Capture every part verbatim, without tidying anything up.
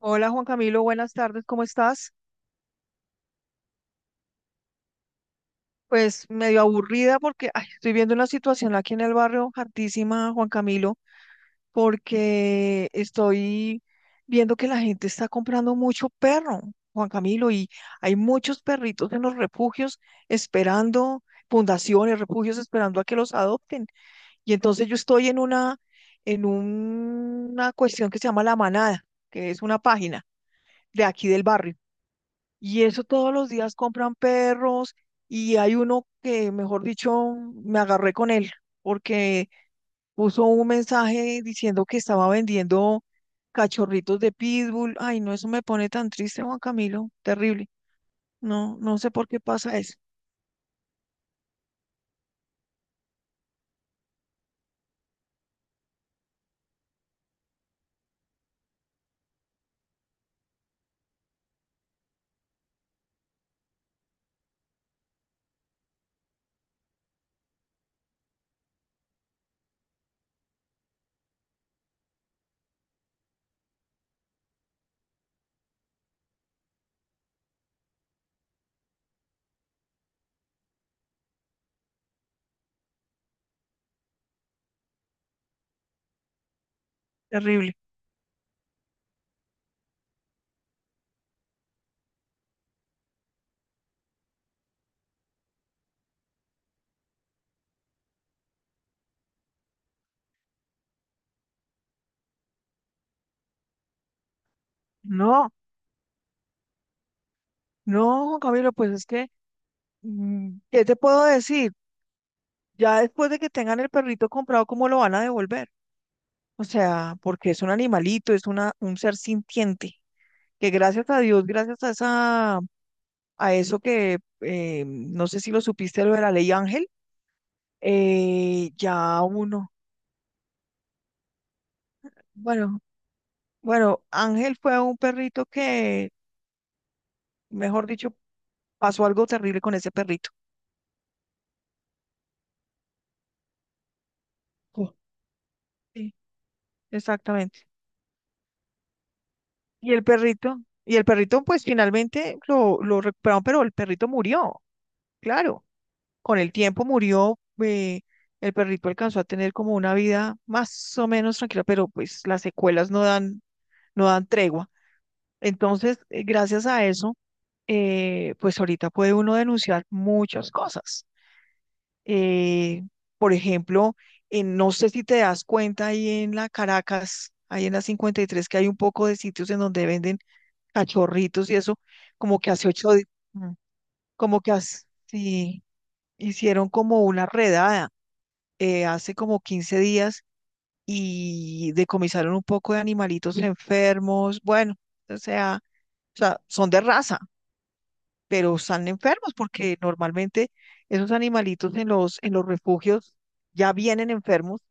Hola Juan Camilo, buenas tardes, ¿cómo estás? Pues medio aburrida porque ay, estoy viendo una situación aquí en el barrio hartísima, Juan Camilo, porque estoy viendo que la gente está comprando mucho perro, Juan Camilo, y hay muchos perritos en los refugios esperando, fundaciones, refugios esperando a que los adopten. Y entonces yo estoy en una, en una cuestión que se llama La Manada, que es una página de aquí del barrio. Y eso todos los días compran perros y hay uno que, mejor dicho, me agarré con él porque puso un mensaje diciendo que estaba vendiendo cachorritos de pitbull. Ay, no, eso me pone tan triste, Juan Camilo. Terrible. No, no sé por qué pasa eso. Terrible. No, no, Juan Camilo, pues es que, mm, ¿qué te puedo decir? Ya después de que tengan el perrito comprado, ¿cómo lo van a devolver? O sea, porque es un animalito, es una, un ser sintiente. Que gracias a Dios, gracias a esa, a eso que eh, no sé si lo supiste lo de la ley Ángel, eh, ya uno, bueno, bueno, Ángel fue un perrito que, mejor dicho, pasó algo terrible con ese perrito. Oh. Sí, exactamente. Y el perrito, y el perrito, pues finalmente lo, lo recuperaron, pero el perrito murió, claro. Con el tiempo murió, eh, el perrito alcanzó a tener como una vida más o menos tranquila, pero pues las secuelas no dan no dan tregua. Entonces, eh, gracias a eso, eh, pues ahorita puede uno denunciar muchas cosas. Eh, por ejemplo, en- no sé si te das cuenta ahí en la Caracas, ahí en la cincuenta y tres, que hay un poco de sitios en donde venden cachorritos y eso, como que hace ocho días, como que hace, sí, hicieron como una redada eh, hace como quince días y decomisaron un poco de animalitos enfermos, bueno, o sea, o sea, son de raza, pero están enfermos porque normalmente esos animalitos en los, en los refugios ya vienen enfermos,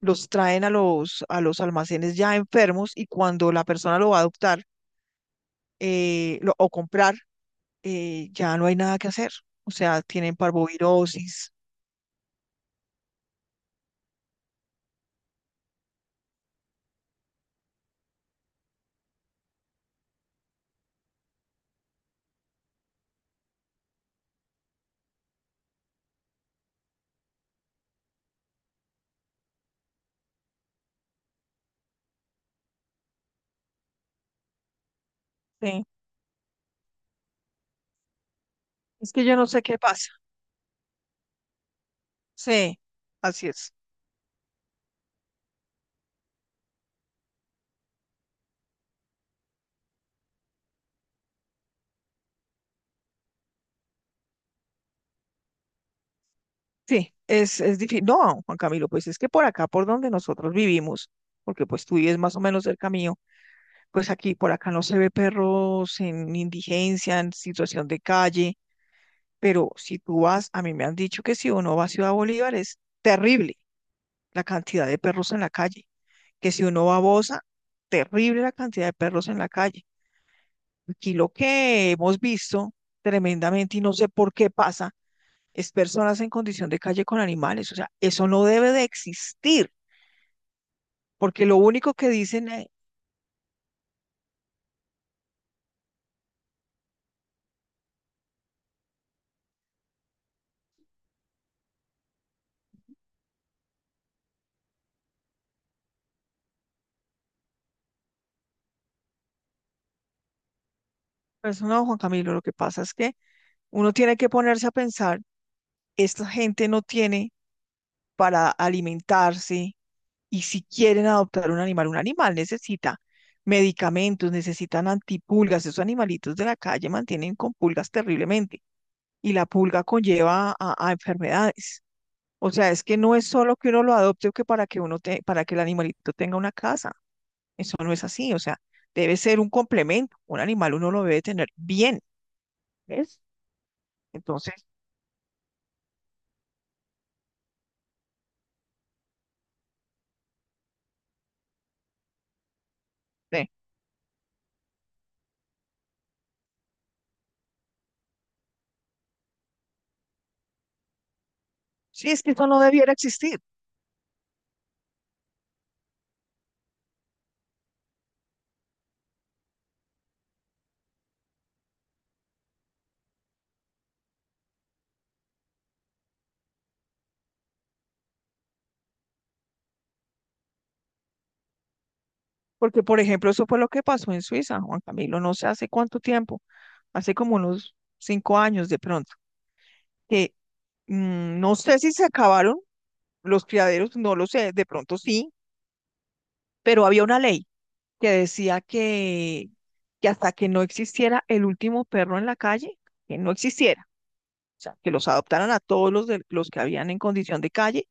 los traen a los, a los almacenes ya enfermos y cuando la persona lo va a adoptar eh, lo- o comprar, eh, ya no hay nada que hacer. O sea, tienen parvovirosis. Sí. Es que yo no sé qué pasa. Sí, así es. Sí, es, es difícil. No, Juan Camilo, pues es que por acá, por donde nosotros vivimos, porque pues tú vives más o menos cerca mío, pues aquí por acá no se ve perros en indigencia, en situación de calle, pero si tú vas, a mí me han dicho que si uno va a Ciudad Bolívar es terrible la cantidad de perros en la calle, que si uno va a Bosa, terrible la cantidad de perros en la calle. Aquí lo que hemos visto tremendamente y no sé por qué pasa es personas en condición de calle con animales, o sea, eso no debe de existir, porque lo único que dicen, eh, persona Juan Camilo, lo que pasa es que uno tiene que ponerse a pensar esta gente no tiene para alimentarse y si quieren adoptar un animal, un animal necesita medicamentos, necesitan antipulgas, esos animalitos de la calle mantienen con pulgas terriblemente y la pulga conlleva a, a enfermedades. O sea, es que no es solo que uno lo adopte o que para que uno te- para que el animalito tenga una casa. Eso no es así. O sea, debe ser un complemento. Un animal uno lo debe tener bien, ¿ves? Entonces, eh, sí, es que eso no debiera existir. Porque, por ejemplo, eso fue lo que pasó en Suiza, Juan Camilo, no sé hace cuánto tiempo, hace como unos cinco años de pronto, que mm, no sé si se acabaron los criaderos, no lo sé, de pronto sí, pero había una ley que decía que, que hasta que no existiera el último perro en la calle, que no existiera, o sea, que los adoptaran a todos los, de, los que habían en condición de calle,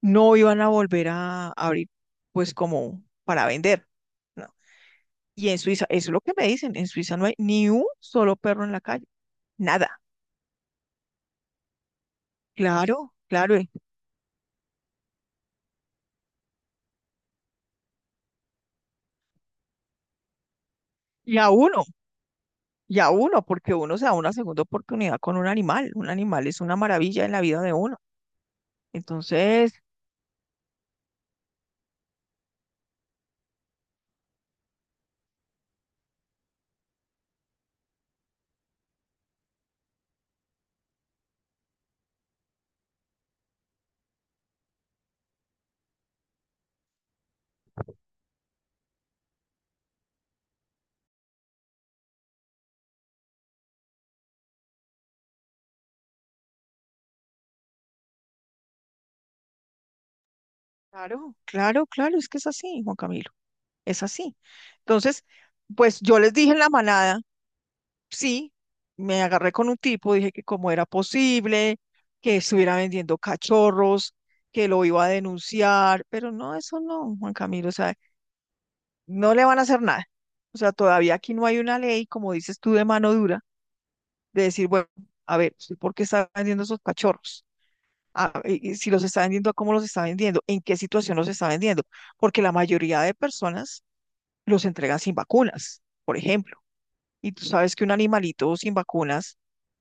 no iban a volver a abrir, pues como para vender, ¿no? Y en Suiza, eso es lo que me dicen, en Suiza no hay ni un solo perro en la calle, nada. Claro, claro. Y y a uno, y a uno, porque uno se da una segunda oportunidad con un animal. Un animal es una maravilla en la vida de uno. Entonces, claro, claro, claro, es que es así, Juan Camilo, es así. Entonces, pues yo les dije en la manada, sí, me agarré con un tipo, dije que cómo era posible, que estuviera vendiendo cachorros, que lo iba a denunciar, pero no, eso no, Juan Camilo, o sea, no le van a hacer nada. O sea, todavía aquí no hay una ley, como dices tú, de mano dura, de decir, bueno, a ver, ¿usted ¿por qué está vendiendo esos cachorros? Ah, y- y si los está vendiendo, ¿a ¿cómo los está vendiendo? ¿En qué situación los está vendiendo? Porque la mayoría de personas los entregan sin vacunas, por ejemplo. Y tú sabes que un animalito sin vacunas,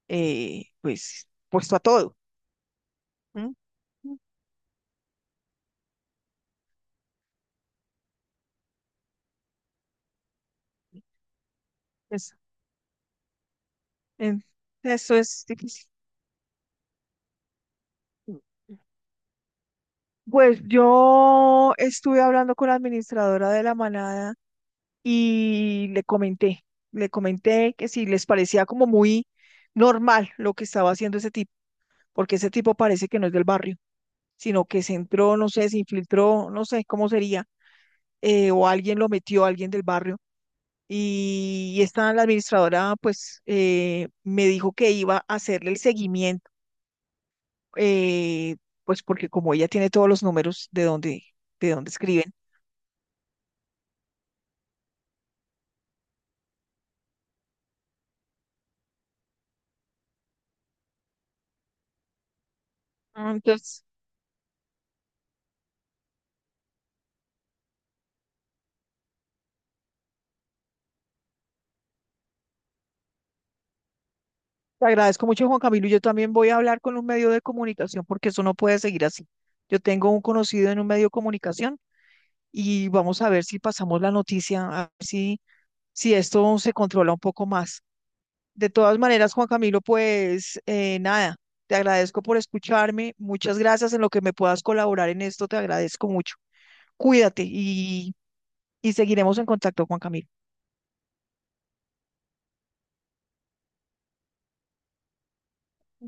eh, pues, puesto a todo. ¿M? Es- en- eso es difícil. Pues yo estuve hablando con la administradora de la manada y le comenté, le comenté que si les parecía como muy normal lo que estaba haciendo ese tipo, porque ese tipo parece que no es del barrio, sino que se entró, no sé, se infiltró, no sé cómo sería, eh, o alguien lo metió, alguien del barrio. Y esta, la administradora, pues, eh, me dijo que iba a hacerle el seguimiento, eh, pues porque como ella tiene todos los números de donde, de donde escriben. Ah. Entonces, te agradezco mucho, Juan Camilo. Y yo también voy a hablar con un medio de comunicación porque eso no puede seguir así. Yo tengo un conocido en un medio de comunicación y vamos a ver si pasamos la noticia, a ver si, si esto se controla un poco más. De todas maneras, Juan Camilo, pues eh, nada, te agradezco por escucharme. Muchas gracias en lo que me puedas colaborar en esto, te agradezco mucho. Cuídate y, y seguiremos en contacto, Juan Camilo.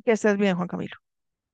Que estés bien, Juan Camilo.